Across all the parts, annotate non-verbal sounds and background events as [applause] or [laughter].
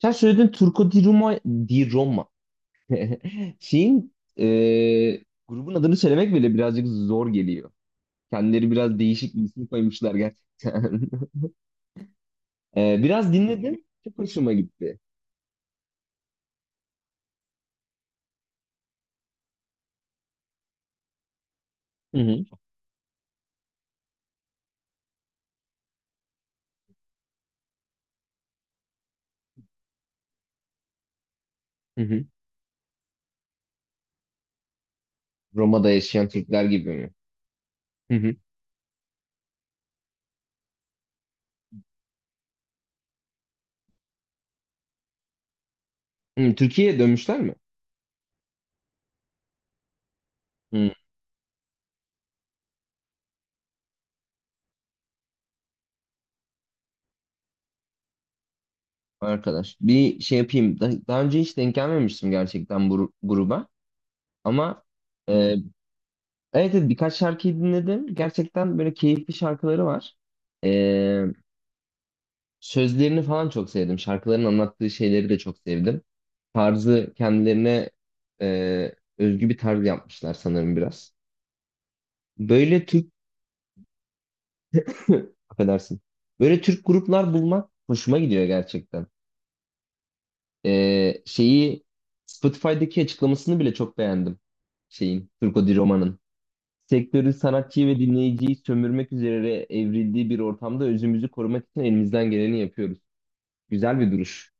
Sen söyledin Turco di Roma, di Roma. [laughs] Şeyin, grubun adını söylemek bile birazcık zor geliyor. Kendileri biraz değişik bir isim koymuşlar gerçekten. [laughs] Biraz dinledim. Çok hoşuma gitti. Hı hı. Hı hı. Roma'da yaşayan Türkler gibi mi? Hı hı. Hı, Türkiye'ye dönmüşler mi? Hı, arkadaş. Bir şey yapayım. Daha önce hiç denk gelmemiştim gerçekten bu gruba. Ama evet, evet birkaç şarkıyı dinledim. Gerçekten böyle keyifli şarkıları var. E, Sözlerini falan çok sevdim. Şarkıların anlattığı şeyleri de çok sevdim. Tarzı kendilerine özgü bir tarz yapmışlar sanırım biraz. Böyle Türk, [laughs] affedersin. Böyle Türk gruplar bulmak hoşuma gidiyor gerçekten. Şeyi Spotify'daki açıklamasını bile çok beğendim. Şeyin, Turco Di Roma'nın. Sektörün sanatçıyı ve dinleyiciyi sömürmek üzere evrildiği bir ortamda özümüzü korumak için elimizden geleni yapıyoruz. Güzel bir duruş.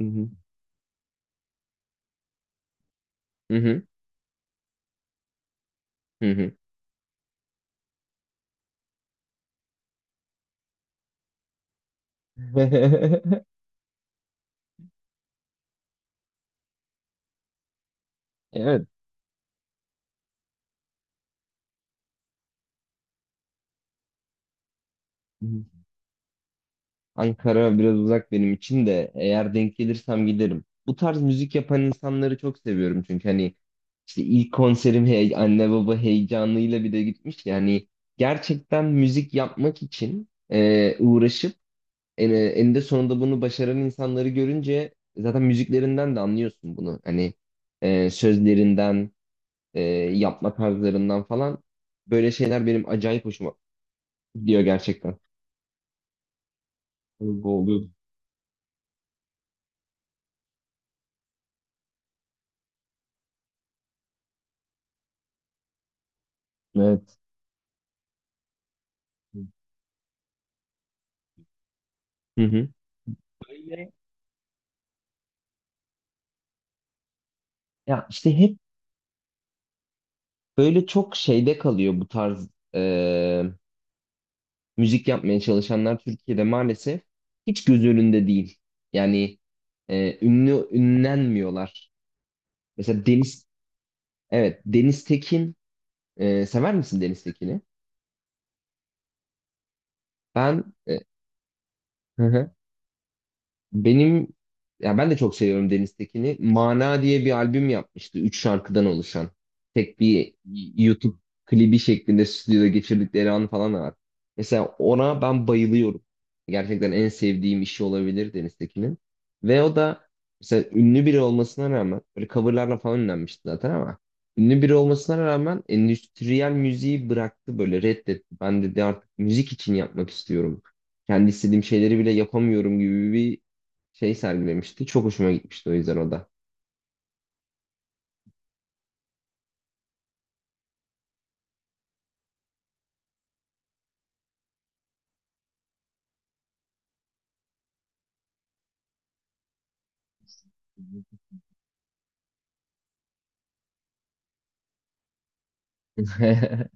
Hı hı. Hı hı. Hı hı. [laughs] Evet. Hı. Ankara biraz uzak benim için de eğer denk gelirsem giderim. Bu tarz müzik yapan insanları çok seviyorum çünkü hani işte ilk konserim hey, anne baba heyecanıyla bir de gitmiş yani gerçekten müzik yapmak için uğraşıp eninde sonunda bunu başaran insanları görünce zaten müziklerinden de anlıyorsun bunu. Hani sözlerinden, e, yapma tarzlarından falan böyle şeyler benim acayip hoşuma gidiyor gerçekten. Böyle oluyordu. Evet. Hı hı. Böyle, ya işte hep böyle çok şeyde kalıyor bu tarz e, müzik yapmaya çalışanlar Türkiye'de maalesef hiç göz önünde değil. Yani ünlenmiyorlar. Mesela Deniz, evet Deniz Tekin, sever misin Deniz Tekin'i? Ben, e, [laughs] Benim ya ben de çok seviyorum Deniz Tekin'i. Mana diye bir albüm yapmıştı. Üç şarkıdan oluşan. Tek bir YouTube klibi şeklinde stüdyoda geçirdikleri an falan da var. Mesela ona ben bayılıyorum. Gerçekten en sevdiğim işi olabilir Deniz Tekin'in. Ve o da mesela ünlü biri olmasına rağmen böyle coverlarla falan ünlenmişti zaten ama ünlü biri olmasına rağmen endüstriyel müziği bıraktı böyle reddetti. Ben dedi artık müzik için yapmak istiyorum kendi istediğim şeyleri bile yapamıyorum gibi şey sergilemişti. Çok hoşuma gitmişti o yüzden o da. [laughs]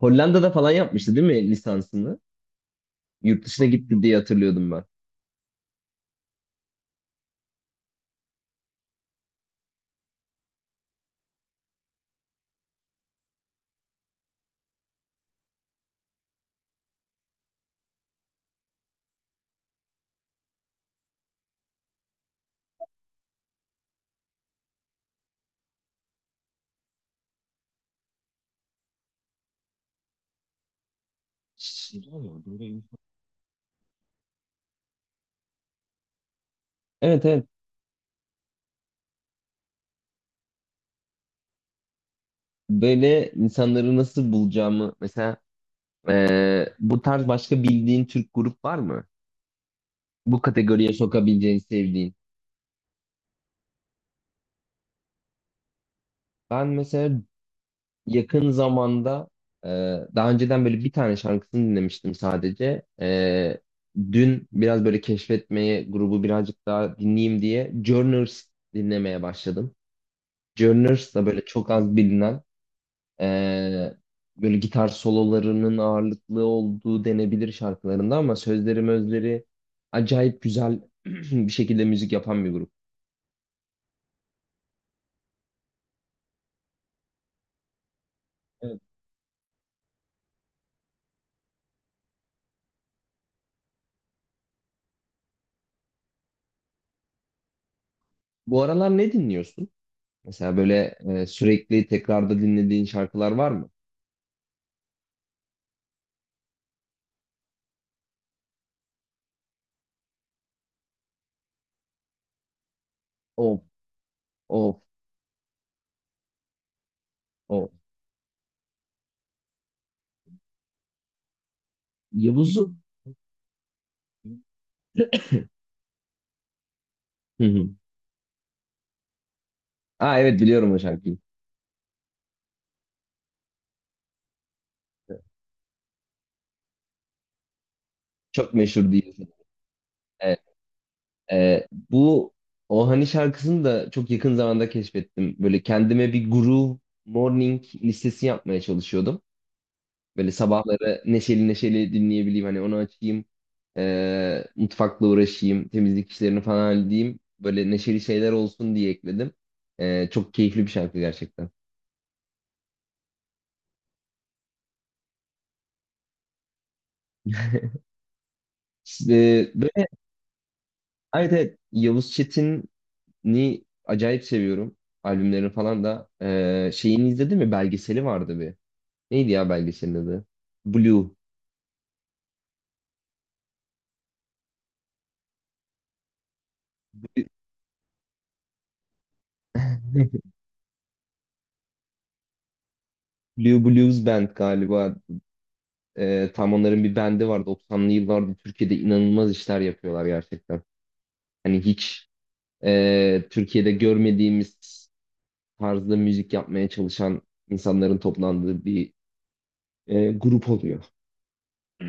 Hollanda'da falan yapmıştı değil mi lisansını? Yurt dışına gitti diye hatırlıyordum ben. Evet evet. Böyle insanları nasıl bulacağımı mesela bu tarz başka bildiğin Türk grup var mı? Bu kategoriye sokabileceğin sevdiğin. Ben mesela yakın zamanda e, daha önceden böyle bir tane şarkısını dinlemiştim sadece. Dün biraz böyle keşfetmeye grubu birazcık daha dinleyeyim diye Journers dinlemeye başladım. Journers da böyle çok az bilinen e, böyle gitar sololarının ağırlıklı olduğu denebilir şarkılarında ama sözleri mözleri acayip güzel [clears throat] bir şekilde müzik yapan bir grup. Evet. Bu aralar ne dinliyorsun? Mesela böyle sürekli tekrarda dinlediğin şarkılar var mı? Of. Of. Of. Yavuz'u. Hı hı. Aa evet biliyorum o şarkıyı. Çok meşhur değil. Evet. Bu o hani şarkısını da çok yakın zamanda keşfettim. Böyle kendime bir groove morning listesi yapmaya çalışıyordum. Böyle sabahları neşeli neşeli dinleyebileyim. Hani onu açayım. Mutfakla uğraşayım. Temizlik işlerini falan halledeyim. Böyle neşeli şeyler olsun diye ekledim. Çok keyifli bir şarkı gerçekten. Ee, böyle, evet evet. Yavuz Çetin ni acayip seviyorum. Albümlerini falan da. Şeyini izledin mi? Belgeseli vardı bir. Neydi ya belgeselin adı? Blue. [laughs] Blue Blues Band galiba. Tam onların bir bendi var. 90'lı yıllarda Türkiye'de inanılmaz işler yapıyorlar gerçekten. Hani hiç Türkiye'de görmediğimiz tarzda müzik yapmaya çalışan insanların toplandığı bir grup oluyor. [clears throat]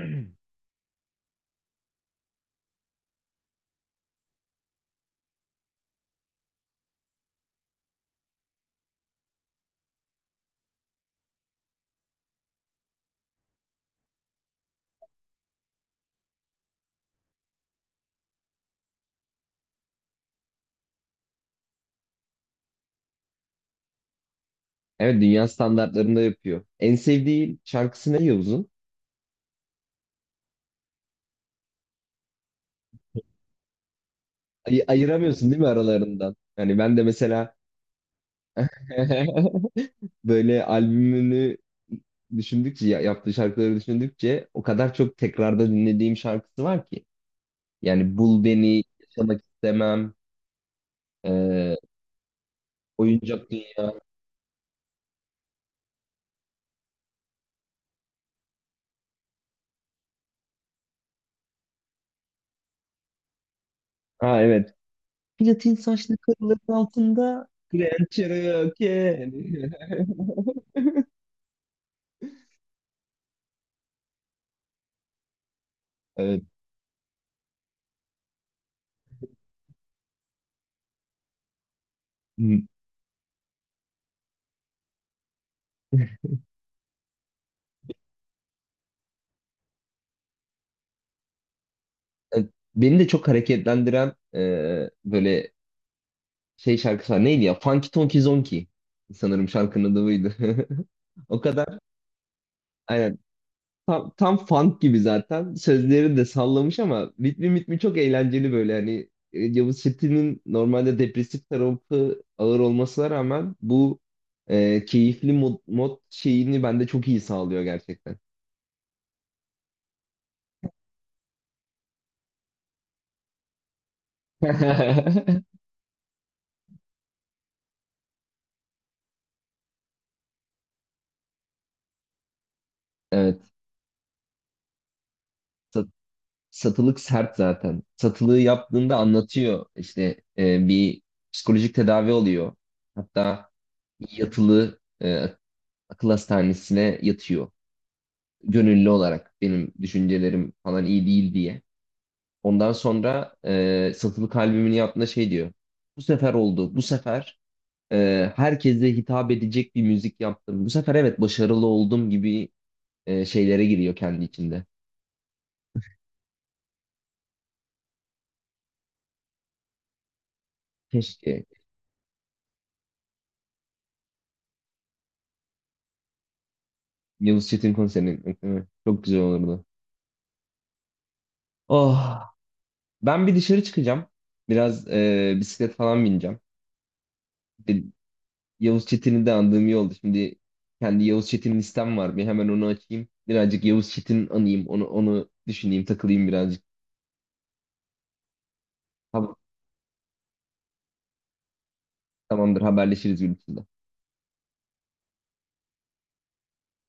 Evet, dünya standartlarında yapıyor. En sevdiği şarkısı ne Yavuz'un? Ayıramıyorsun değil mi aralarından? Yani ben de mesela [laughs] böyle albümünü düşündükçe yaptığı şarkıları düşündükçe o kadar çok tekrarda dinlediğim şarkısı var ki. Yani Bul Beni, Yaşamak İstemem, e, Oyuncak Dünya. Ha evet. Platin saçlı karıların altında Grand Cherokee. Yani. [laughs] Evet. Hı. E, Beni de çok hareketlendiren böyle şey şarkısı var. Neydi ya? Funky Tonky Zonky. Sanırım şarkının adı buydu. [laughs] O kadar. Aynen. Tam funk gibi zaten. Sözleri de sallamış ama ritmi mitmi çok eğlenceli böyle. Hani Yavuz Çetin'in normalde depresif tarafı ağır olmasına rağmen bu keyifli mod şeyini bende çok iyi sağlıyor gerçekten. [laughs] Evet. sat- Satılık sert zaten. Satılığı yaptığında anlatıyor. İşte bir psikolojik tedavi oluyor. Hatta yatılı akıl hastanesine yatıyor. Gönüllü olarak benim düşüncelerim falan iyi değil diye. Ondan sonra satılık albümünü yaptığında şey diyor. Bu sefer oldu. Bu sefer herkese hitap edecek bir müzik yaptım. Bu sefer evet başarılı oldum gibi şeylere giriyor kendi içinde. Keşke. Yavuz Çetin konserini gitmek değil mi? Çok güzel olurdu. Oh. Ben bir dışarı çıkacağım. Biraz bisiklet falan bineceğim. De- Yavuz Çetin'i de andığım iyi oldu. Şimdi kendi Yavuz Çetin listem var. Bir hemen onu açayım. Birazcık Yavuz Çetin anayım. Onu düşüneyim, takılayım birazcık. Tamam, tamamdır, haberleşiriz gün içinde.